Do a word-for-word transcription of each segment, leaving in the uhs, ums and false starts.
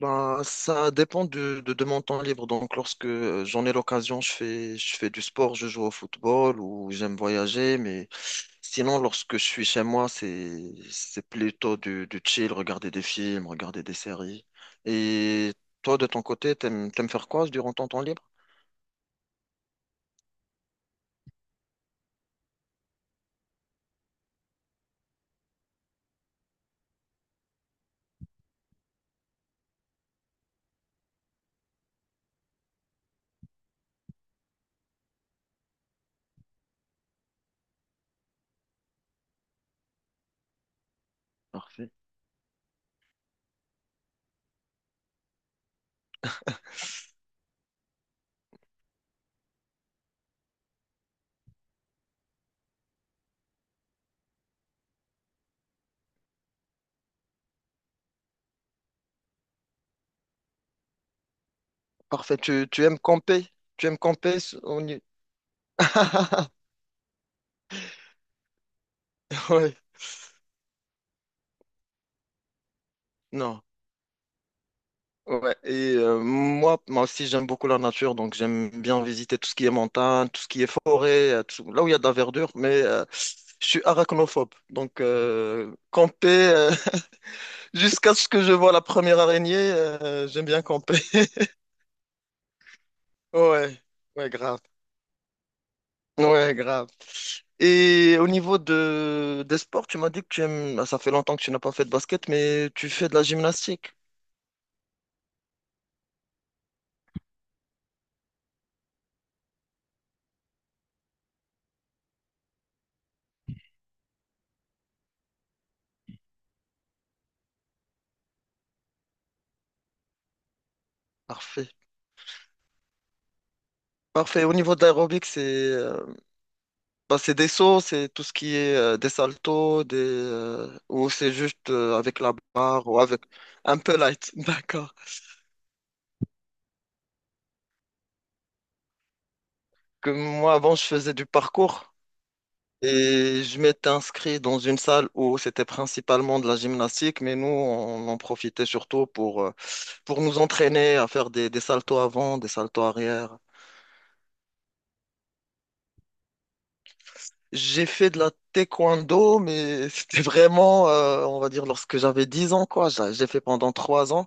Ben, ça dépend de, de, de mon temps libre. Donc, lorsque euh, j'en ai l'occasion, je fais, je fais du sport, je joue au football ou j'aime voyager. Mais sinon, lorsque je suis chez moi, c'est, c'est plutôt du, du chill, regarder des films, regarder des séries. Et toi, de ton côté, t'aimes, t'aimes faire quoi durant ton temps libre? Parfait. Parfait. Tu, tu aimes camper? Tu aimes camper? S- au ni- Ouais. Non. Ouais, et euh, moi, moi aussi, j'aime beaucoup la nature, donc j'aime bien visiter tout ce qui est montagne, tout ce qui est forêt, euh, tout- là où il y a de la verdure, mais euh, je suis arachnophobe. Donc, euh, camper, euh, jusqu'à ce que je vois la première araignée, euh, j'aime bien camper. Ouais, ouais, grave. Ouais, grave. Et au niveau de, des sports, tu m'as dit que tu aimes, ah, ça fait longtemps que tu n'as pas fait de basket, mais tu fais de la gymnastique. Parfait. Parfait. Au niveau de l'aérobic, c'est, euh, Bah, c'est des sauts, c'est tout ce qui est euh, des saltos, des, euh, ou c'est juste euh, avec la barre ou avec un peu light. D'accord. Que moi, avant, je faisais du parcours et je m'étais inscrit dans une salle où c'était principalement de la gymnastique, mais nous, on en profitait surtout pour, euh, pour nous entraîner à faire des, des saltos avant, des saltos arrière. J'ai fait de la taekwondo, mais c'était vraiment, euh, on va dire, lorsque j'avais dix ans, quoi. J'a- J'ai fait pendant trois ans.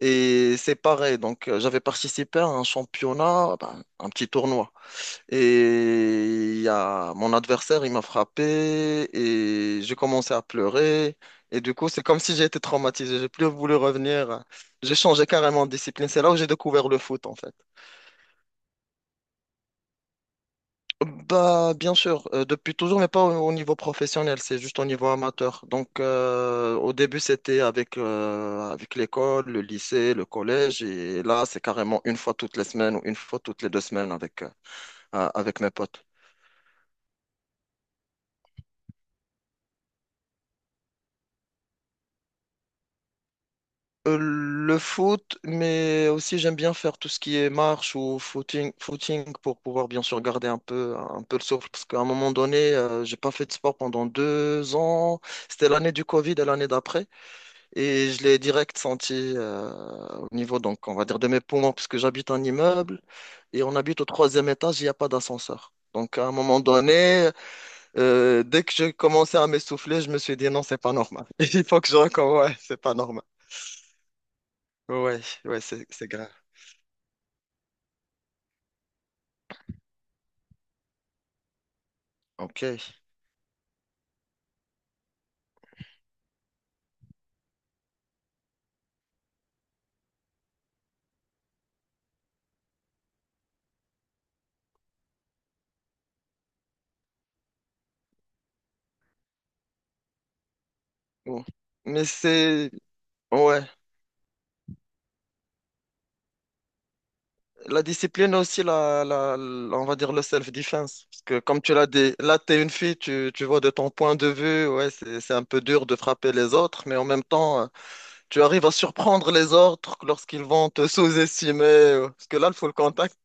Et c'est pareil, donc euh, j'avais participé à un championnat, ben, un petit tournoi. Et il y a mon adversaire, il m'a frappé et j'ai commencé à pleurer. Et du coup, c'est comme si j'ai été traumatisé. J'ai plus voulu revenir. J'ai changé carrément de discipline. C'est là où j'ai découvert le foot, en fait. Bah, bien sûr, euh, depuis toujours, mais pas au, au niveau professionnel, c'est juste au niveau amateur. Donc, euh, au début, c'était avec, euh, avec l'école, le lycée, le collège, et là, c'est carrément une fois toutes les semaines ou une fois toutes les deux semaines avec, euh, euh, avec mes potes. Euh, le foot, mais aussi j'aime bien faire tout ce qui est marche ou footing, footing pour pouvoir bien sûr garder un peu, un peu le souffle, parce qu'à un moment donné, euh, j'ai pas fait de sport pendant deux ans. C'était l'année du Covid et l'année d'après. Et je l'ai direct senti euh, au niveau, donc, on va dire, de mes poumons, puisque j'habite un immeuble et on habite au troisième étage, il n'y a pas d'ascenseur. Donc, à un moment donné, euh, dès que je commençais à m'essouffler, je me suis dit non, c'est pas normal. Il faut que je recommence. Ouais, c'est pas normal. Ouais, ouais, c'est c'est grave. Ok. Bon. Mais c'est. Ouais. La discipline aussi, la, la, la- on va dire le self-defense. Parce que comme tu l'as dit, là, tu es une fille, tu, tu vois de ton point de vue, ouais, c'est, c'est un peu dur de frapper les autres, mais en même temps, euh, tu arrives à surprendre les autres lorsqu'ils vont te sous-estimer. euh, Parce que là, il faut le contact.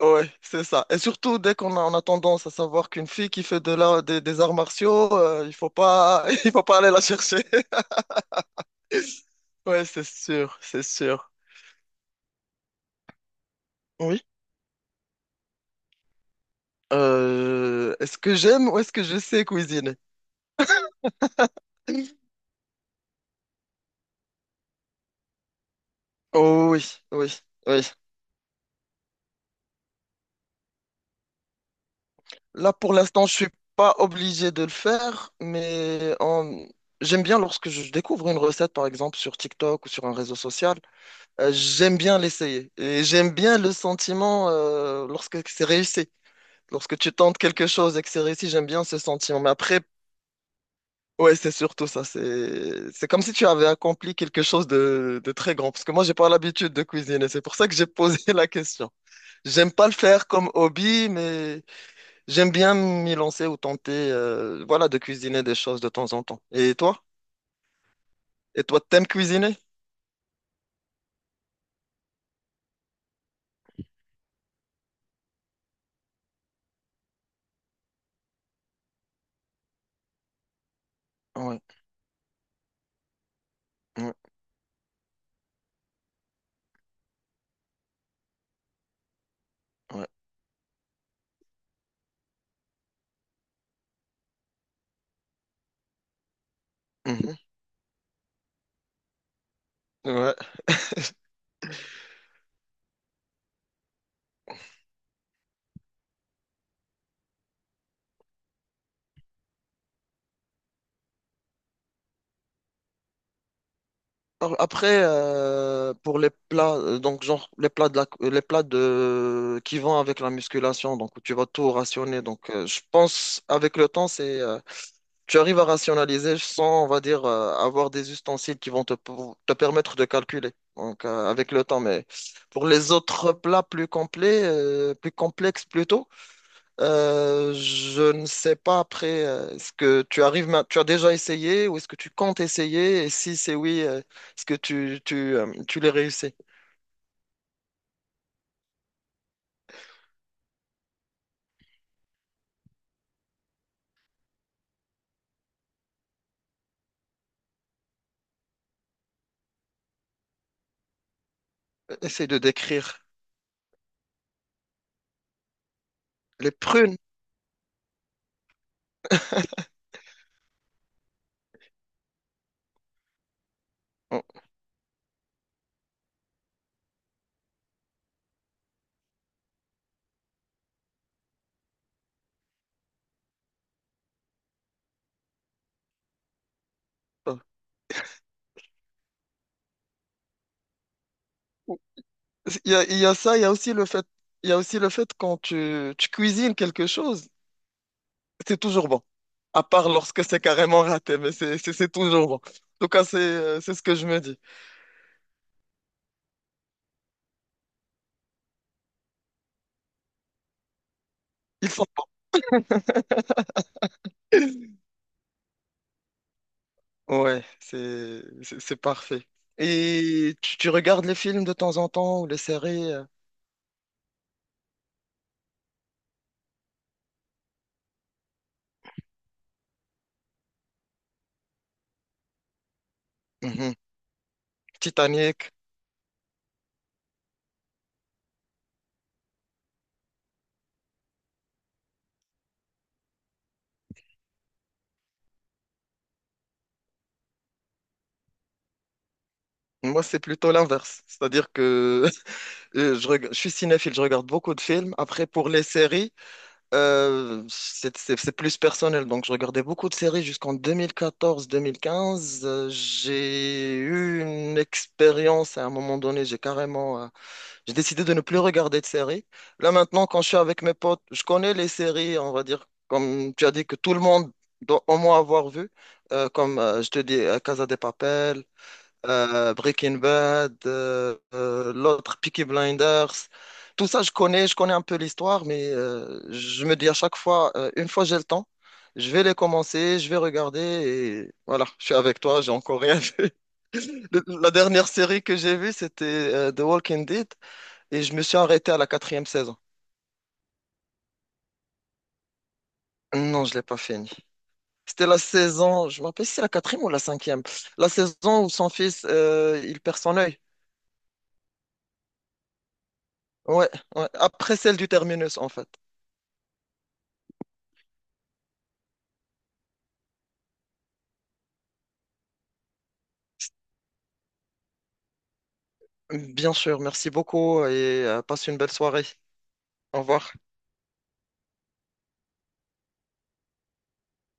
Ouais, c'est ça. Et surtout, dès qu'on a, on a tendance à savoir qu'une fille qui fait de la, des, des arts martiaux, euh, il faut pas, il faut pas aller la chercher. Ouais, c'est sûr, c'est sûr. Oui. Euh, est-ce que j'aime ou est-ce que je sais cuisiner? Oh oui, oui, oui. Là, pour l'instant, je suis pas obligé de le faire, mais en- j'aime bien lorsque je découvre une recette, par exemple, sur TikTok ou sur un réseau social, euh, j'aime bien l'essayer. Et j'aime bien le sentiment euh, lorsque c'est réussi. Lorsque tu tentes quelque chose et que c'est réussi, j'aime bien ce sentiment. Mais après, ouais, c'est surtout ça. C'est c'est comme si tu avais accompli quelque chose de, de très grand. Parce que moi, j'ai pas l'habitude de cuisiner. C'est pour ça que j'ai posé la question. J'aime pas le faire comme hobby, mais... J'aime bien m'y lancer ou tenter, euh, voilà, de cuisiner des choses de temps en temps. Et toi? Et toi, t'aimes cuisiner? Ouais, ouais, ouais. Mhm, ouais. Alors, après, euh, pour les plats, euh, donc genre les plats de la, euh, les plats de qui vont avec la musculation, donc où tu vas tout rationner. Donc, euh, je pense avec le temps, c'est euh, tu arrives à rationaliser sans, on va dire, euh, avoir des ustensiles qui vont te, pour- te permettre de calculer. Donc, euh, avec le temps. Mais pour les autres plats plus complets, euh, plus complexes plutôt, euh, je ne sais pas après, euh, est-ce que tu arrives, ma- tu as déjà essayé ou est-ce que tu comptes essayer? Et si c'est oui, euh, est-ce que tu, tu, euh, tu les réussis? Essaye de décrire les prunes. Bon. Ah. Il y a, il y a ça, il y a aussi le fait, il y a aussi le fait quand tu, tu cuisines quelque chose, c'est toujours bon. À part lorsque c'est carrément raté, mais c'est c'est- c'est toujours bon. En tout cas, c'est euh, c'est ce que je me dis. Ils sont bons. Ouais, c'est c'est c'est parfait. Et tu, tu regardes les films de temps en temps ou les séries euh, mhm. Titanic. Moi, c'est plutôt l'inverse. C'est-à-dire que euh, je, reg- je suis cinéphile, je regarde beaucoup de films. Après, pour les séries, euh, c'est c'est- c'est plus personnel. Donc, je regardais beaucoup de séries jusqu'en deux mille quatorze-deux mille quinze. Euh, j'ai eu une expérience à un moment donné. J'ai carrément, euh, j'ai décidé de ne plus regarder de séries. Là, maintenant, quand je suis avec mes potes, je connais les séries, on va dire, comme tu as dit, que tout le monde doit au moins avoir vu. Euh, comme euh, je te dis, euh, Casa de Papel euh, Breaking Bad, euh, euh, l'autre Peaky Blinders. Tout ça, je connais, je connais un peu l'histoire, mais euh, je me dis à chaque fois, euh, une fois j'ai le temps, je vais les commencer, je vais regarder et voilà, je suis avec toi, j'ai encore rien vu. Le- La dernière série que j'ai vue, c'était euh, The Walking Dead et je me suis arrêté à la quatrième saison. Non, je l'ai pas fini. C'était la saison, je me rappelle si c'est la quatrième ou la cinquième. La saison où son fils, euh, il perd son œil. Ouais, ouais. Après celle du terminus, en fait. Bien sûr, merci beaucoup et euh, passe une belle soirée. Au revoir.